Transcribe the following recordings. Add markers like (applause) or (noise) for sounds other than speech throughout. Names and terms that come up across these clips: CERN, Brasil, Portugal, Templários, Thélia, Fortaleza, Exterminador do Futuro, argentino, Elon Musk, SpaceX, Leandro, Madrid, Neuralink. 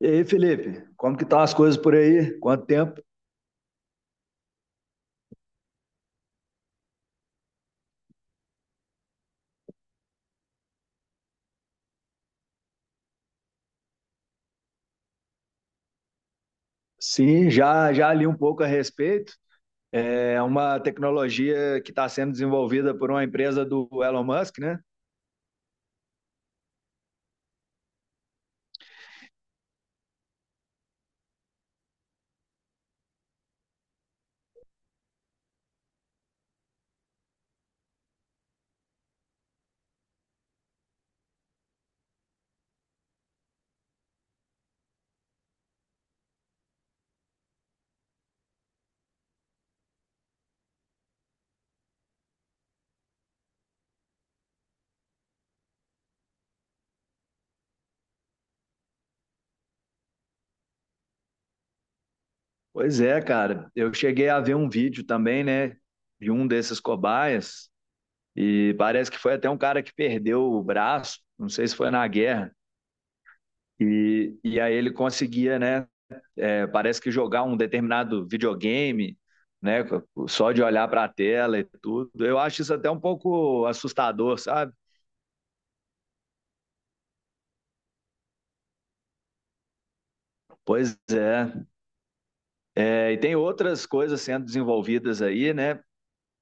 E aí, Felipe, como que estão as coisas por aí? Quanto tempo? Sim, já li um pouco a respeito. É uma tecnologia que está sendo desenvolvida por uma empresa do Elon Musk, né? Pois é, cara. Eu cheguei a ver um vídeo também, né, de um desses cobaias e parece que foi até um cara que perdeu o braço, não sei se foi na guerra. E aí ele conseguia, né? É, parece que jogar um determinado videogame, né, só de olhar para a tela e tudo, eu acho isso até um pouco assustador, sabe? Pois é. É. E tem outras coisas sendo desenvolvidas aí, né?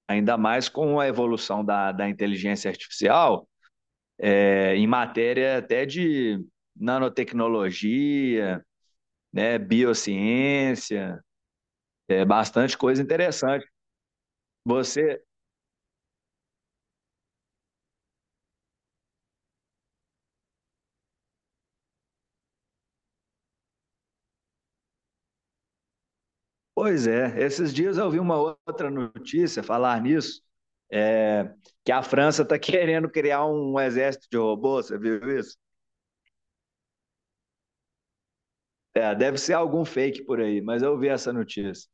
Ainda mais com a evolução da inteligência artificial, em matéria até de nanotecnologia, né, biociência, é bastante coisa interessante. Você. Pois é, esses dias eu vi uma outra notícia falar nisso, é, que a França está (laughs) querendo criar um exército de robôs, você viu isso? É, deve ser algum fake por aí, mas eu vi essa notícia.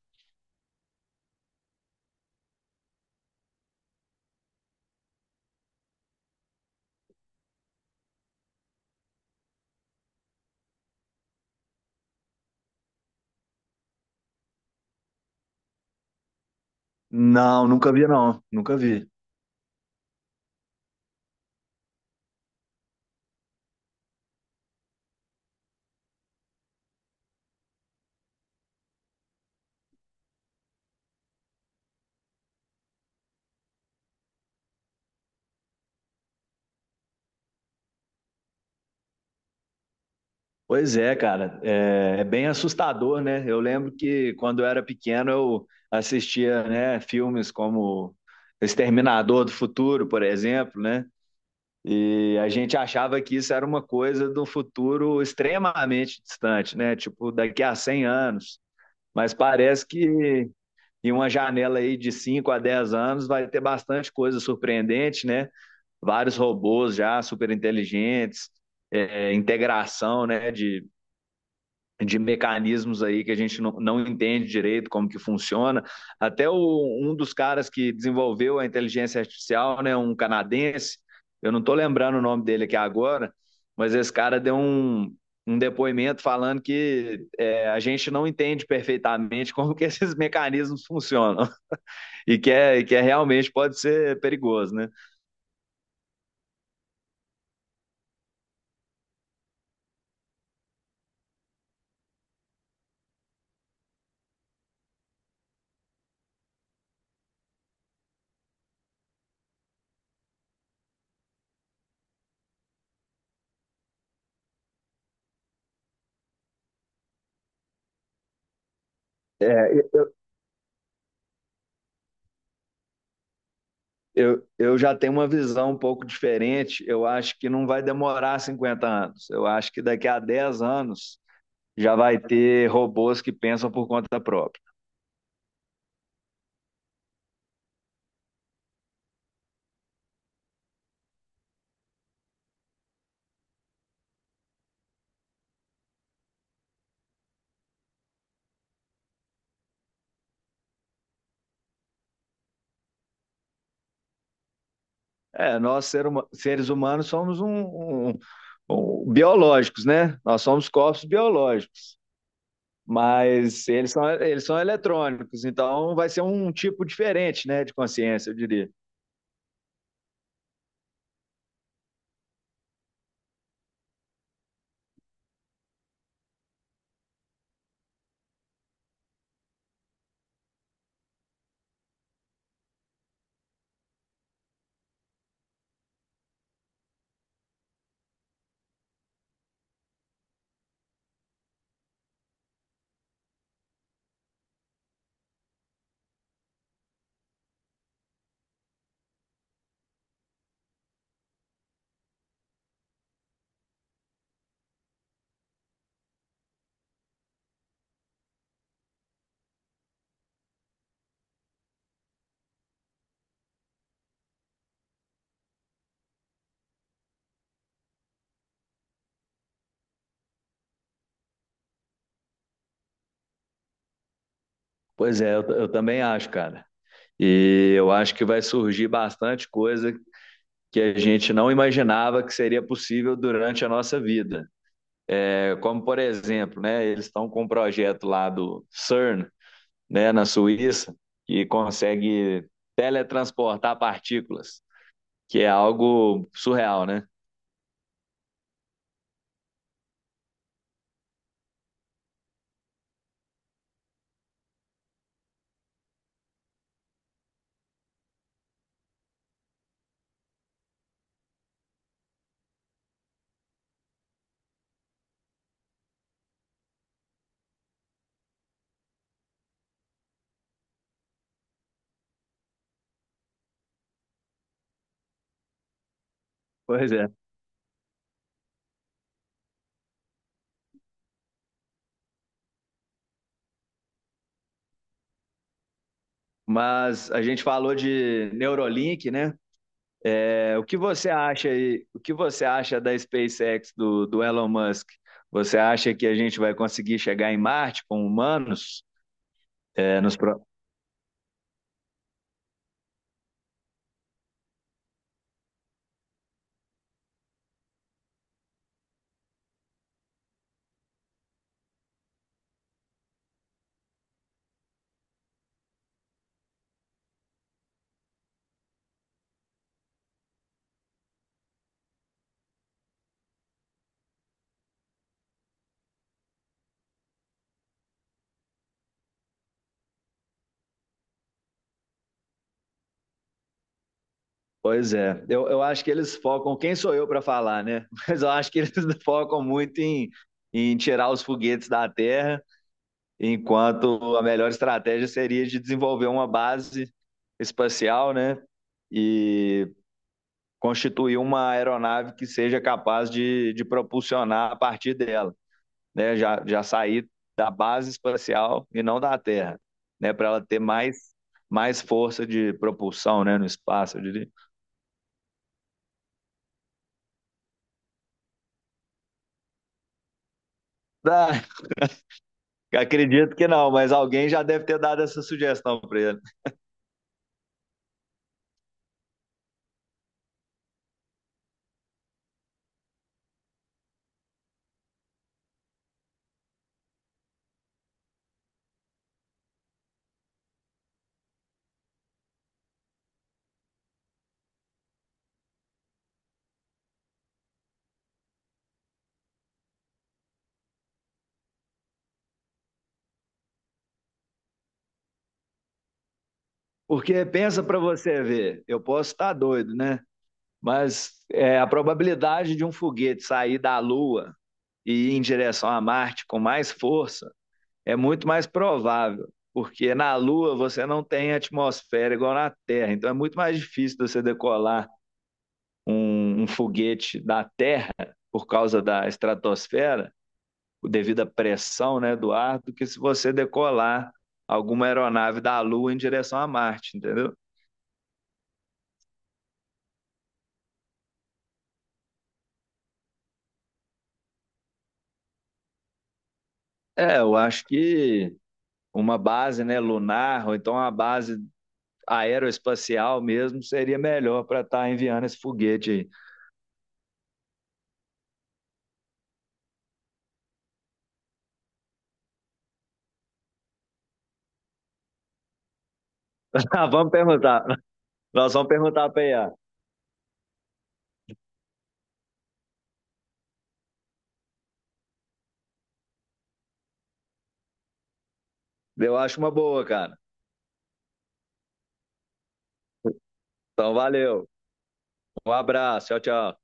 Não, nunca vi não, nunca vi. Pois é, cara, é bem assustador, né? Eu lembro que quando eu era pequeno eu assistia, né, filmes como Exterminador do Futuro, por exemplo, né? E a gente achava que isso era uma coisa do futuro extremamente distante, né? Tipo, daqui a 100 anos. Mas parece que em uma janela aí de 5 a 10 anos vai ter bastante coisa surpreendente, né? Vários robôs já super inteligentes, integração né, de mecanismos aí que a gente não entende direito como que funciona. Até um dos caras que desenvolveu a inteligência artificial, né, um canadense, eu não estou lembrando o nome dele aqui agora, mas esse cara deu um depoimento falando a gente não entende perfeitamente (laughs) como que esses mecanismos funcionam e que é realmente pode ser perigoso, né? É, eu já tenho uma visão um pouco diferente. Eu acho que não vai demorar 50 anos. Eu acho que daqui a 10 anos já vai ter robôs que pensam por conta própria. É, seres humanos, somos biológicos, né? Nós somos corpos biológicos, mas eles são eletrônicos, então vai ser um tipo diferente, né, de consciência, eu diria. Pois é, eu também acho, cara. E eu acho que vai surgir bastante coisa que a gente não imaginava que seria possível durante a nossa vida. É, como, por exemplo, né, eles estão com um projeto lá do CERN, né, na Suíça, que consegue teletransportar partículas, que é algo surreal, né? Pois é. Mas a gente falou de Neuralink, né? É, o que você acha aí, o que você acha da SpaceX do Elon Musk? Você acha que a gente vai conseguir chegar em Marte com humanos? é, nos, Pois é, eu acho que eles focam, quem sou eu para falar, né? (laughs) Mas eu acho que eles (laughs) focam muito em tirar os foguetes da Terra, enquanto a melhor estratégia seria de desenvolver uma base espacial, né? E constituir uma aeronave que seja capaz de propulsionar a partir dela, né? Já sair da base espacial e não da Terra, né? Para ela ter mais força de propulsão, né? No espaço, eu diria. Tá. Acredito que não, mas alguém já deve ter dado essa sugestão para ele. Porque pensa para você ver, eu posso estar doido, né? Mas a probabilidade de um foguete sair da Lua e ir em direção a Marte com mais força é muito mais provável, porque na Lua você não tem atmosfera igual na Terra, então é muito mais difícil você decolar um foguete da Terra por causa da estratosfera devido à pressão, né, do ar, do que se você decolar alguma aeronave da Lua em direção a Marte, entendeu? É, eu acho que uma base, né, lunar, ou então uma base aeroespacial mesmo, seria melhor para estar enviando esse foguete aí. (laughs) Ah, vamos perguntar. Nós vamos perguntar para IA. Eu acho uma boa, cara. Então, valeu. Um abraço. Tchau, tchau.